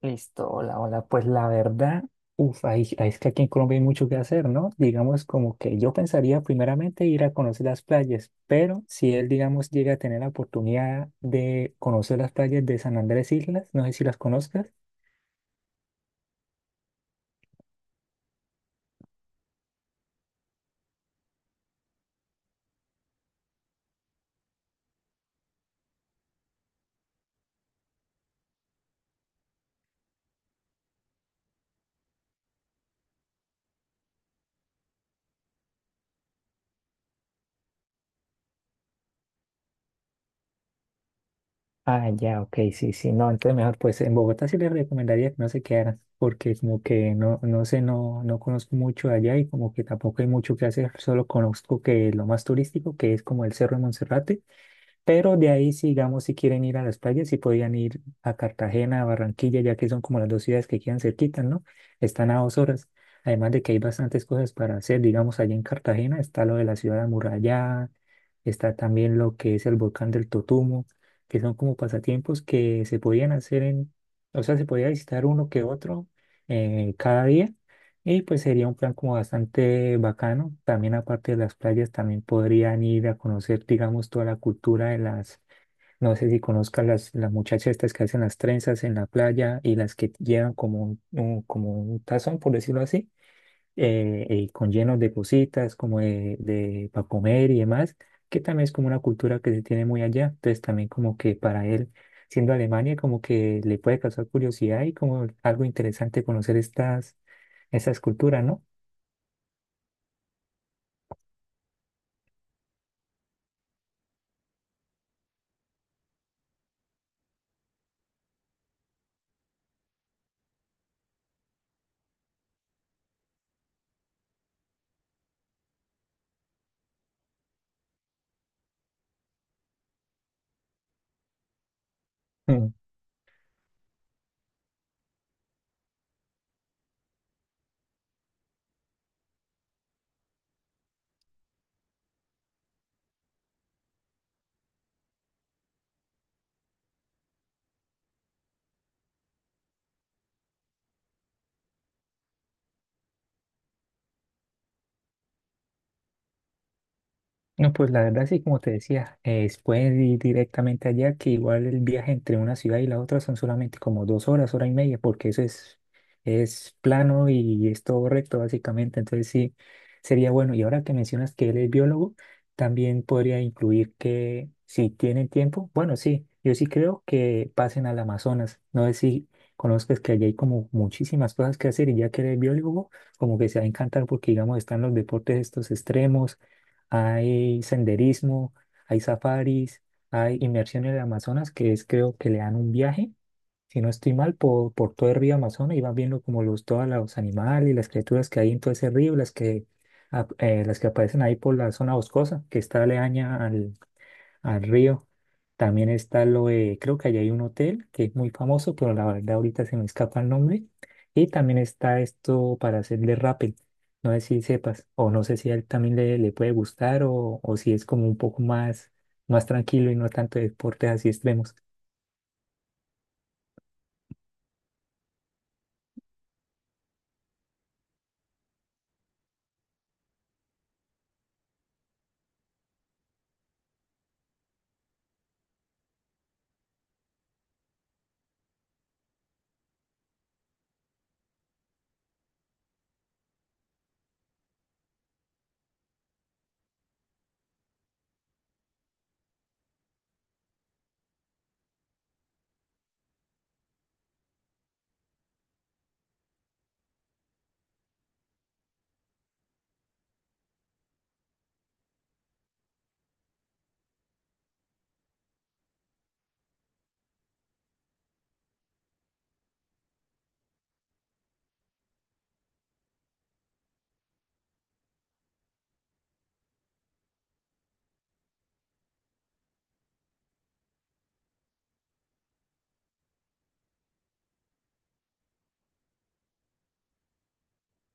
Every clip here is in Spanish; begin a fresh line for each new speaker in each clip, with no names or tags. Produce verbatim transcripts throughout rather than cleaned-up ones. Listo, hola, hola. Pues la verdad, uff, ahí, ahí es que aquí en Colombia hay mucho que hacer, ¿no? Digamos como que yo pensaría primeramente ir a conocer las playas, pero si él, digamos, llega a tener la oportunidad de conocer las playas de San Andrés Islas, no sé si las conozcas. Ah, ya, ok, sí, sí, no, entonces mejor, pues en Bogotá sí les recomendaría que no se quedaran, porque como que no, no sé, no, no conozco mucho allá y como que tampoco hay mucho que hacer, solo conozco que lo más turístico, que es como el Cerro de Monserrate. Pero de ahí, sigamos, si quieren ir a las playas, si podían ir a Cartagena, a Barranquilla, ya que son como las dos ciudades que quedan cerquitas, ¿no? Están a dos horas. Además de que hay bastantes cosas para hacer, digamos, allá en Cartagena está lo de la ciudad amurallada, está también lo que es el volcán del Totumo, que son como pasatiempos que se podían hacer en, o sea, se podía visitar uno que otro eh, cada día y pues sería un plan como bastante bacano. También aparte de las playas, también podrían ir a conocer, digamos, toda la cultura de las, no sé si conozcas las, las muchachas estas que hacen las trenzas en la playa y las que llevan como un, un- como un tazón, por decirlo así, eh, eh, con llenos de cositas, como de, de para comer y demás, que también es como una cultura que se tiene muy allá. Entonces también como que para él, siendo Alemania, como que le puede causar curiosidad y como algo interesante conocer estas, estas culturas, ¿no? Mm. No, pues la verdad sí, como te decía, eh, puedes ir directamente allá, que igual el viaje entre una ciudad y la otra son solamente como dos horas, hora y media, porque eso es, es plano y es todo recto básicamente, entonces sí, sería bueno. Y ahora que mencionas que él es biólogo, también podría incluir que si tienen tiempo, bueno, sí, yo sí creo que pasen al Amazonas, no sé si conozcas que allá hay como muchísimas cosas que hacer y ya que eres biólogo, como que se va a encantar porque digamos están los deportes estos extremos, hay senderismo, hay safaris, hay inmersión en el Amazonas, que es creo que le dan un viaje, si no estoy mal, por, por todo el río Amazonas y van viendo como los, todos los animales y las criaturas que hay en todo ese río, las que, ap- eh, las que aparecen ahí por la zona boscosa, que está aledaña al, al río. También está lo de, creo que allá hay un hotel que es muy famoso, pero la verdad ahorita se me escapa el nombre. Y también está esto para hacerle rappel. No sé si sepas, o no sé si a él también le, le puede gustar, o, o si es como un poco más, más tranquilo y no tanto de deportes así extremos.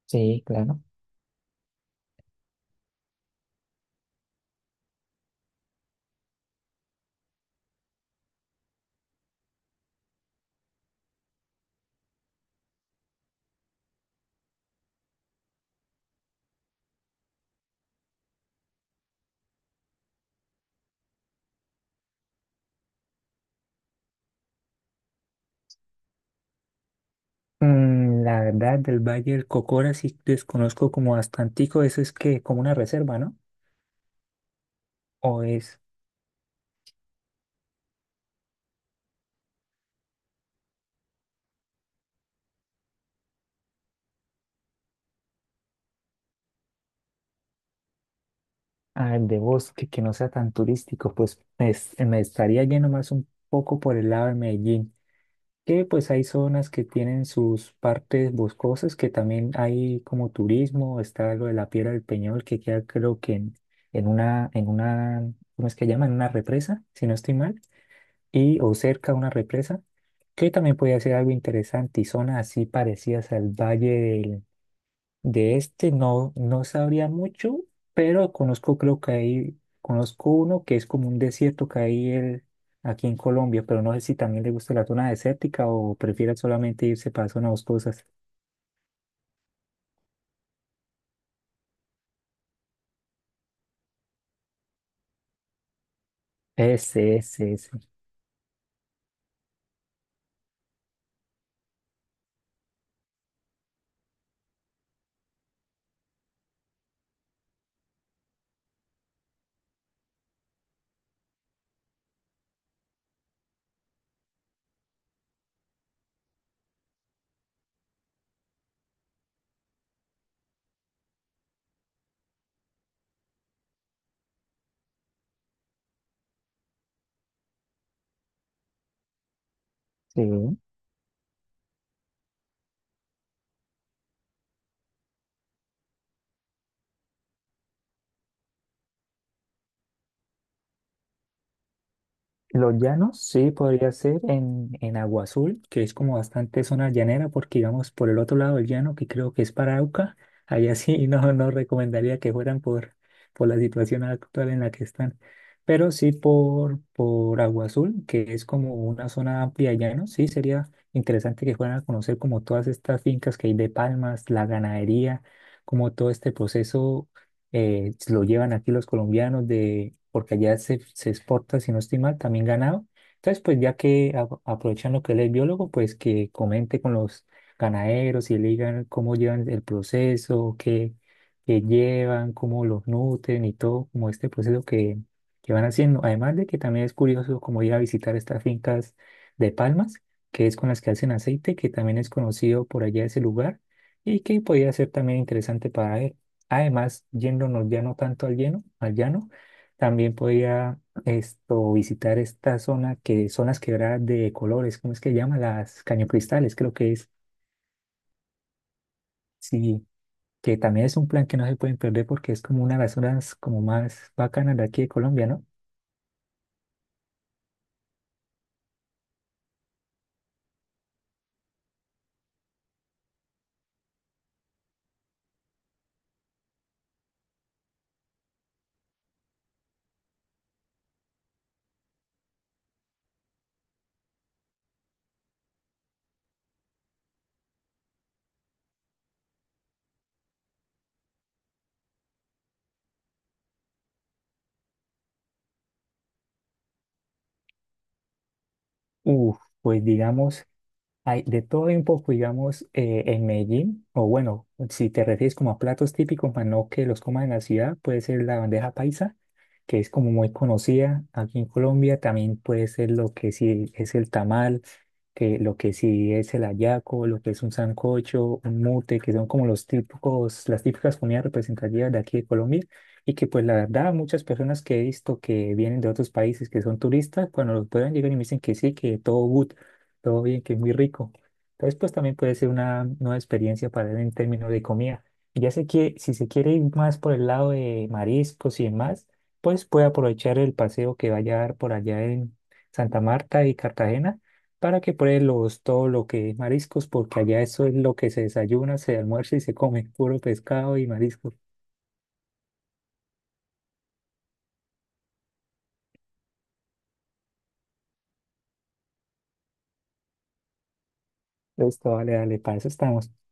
Sí, claro. Mm, la verdad, del Valle del Cocora sí desconozco como bastantico, eso es que como una reserva, ¿no? O es ah, de bosque que no sea tan turístico, pues es- me estaría yendo más un poco por el lado de Medellín, que pues hay zonas que tienen sus partes boscosas, que también hay como turismo, está lo de la Piedra del Peñol, que queda creo que en, en una, en una, ¿cómo es que llama? En una represa, si no estoy mal, y o cerca de una represa, que también podría ser algo interesante, y zonas así parecidas al Valle de este no, no sabría mucho, pero conozco, creo que hay, conozco uno que es como un desierto que hay el- aquí en Colombia, pero no sé si también le gusta la zona desértica o prefiera solamente irse para zonas boscosas. Ese, ese, ese. Sí. Los llanos, sí, podría ser en, en Agua Azul, que es como bastante zona llanera, porque digamos por el otro lado del llano, que creo que es Parauca, allá sí no, no recomendaría que fueran por, por la situación actual en la que están, pero sí por, por Agua Azul, que es como una zona amplia de llano, sí sería interesante que fueran a conocer como todas estas fincas que hay de palmas, la ganadería, como todo este proceso eh, lo llevan aquí los colombianos de, porque allá se, se exporta, si no estoy mal, también ganado. Entonces, pues ya que a- aprovechan lo que él es biólogo, pues que comente con los ganaderos y le digan cómo llevan el proceso, qué, qué llevan, cómo los nutren y todo, como este proceso que, que van haciendo. Además de que también es curioso como ir a visitar estas fincas de palmas, que es con las que hacen aceite, que también es conocido por allá ese lugar y que podría ser también interesante para él. Además, yéndonos ya no tanto al lleno, al llano, también podía esto, visitar esta zona que son las quebradas de colores, ¿cómo es que llama? Las cañocristales, creo que es. Sí, que también es un plan que no se pueden perder porque es como una de las zonas como más bacanas de aquí de Colombia, ¿no? Uf, pues digamos hay de todo un poco, digamos, eh, en Medellín, o bueno, si te refieres como a platos típicos, para no que los coman en la ciudad, puede ser la bandeja paisa, que es como muy conocida aquí en Colombia, también puede ser lo que sí es el tamal, que lo que sí es el hallaco, lo que es un sancocho, un mute, que son como los típicos, las típicas comidas representativas de aquí de Colombia, y que pues la verdad muchas personas que he visto que vienen de otros países, que son turistas, cuando los prueban llegan y me dicen que sí, que todo good, todo bien, que es muy rico. Entonces, pues también puede ser una nueva experiencia para él en términos de comida. Y ya sé que si se quiere ir más por el lado de mariscos y demás, pues puede aprovechar el paseo que vaya a dar por allá en Santa Marta y Cartagena para que pruebe los, todo lo que es mariscos, porque allá eso es lo que se desayuna, se almuerza y se come, puro pescado y mariscos. Listo, vale, dale, para eso estamos.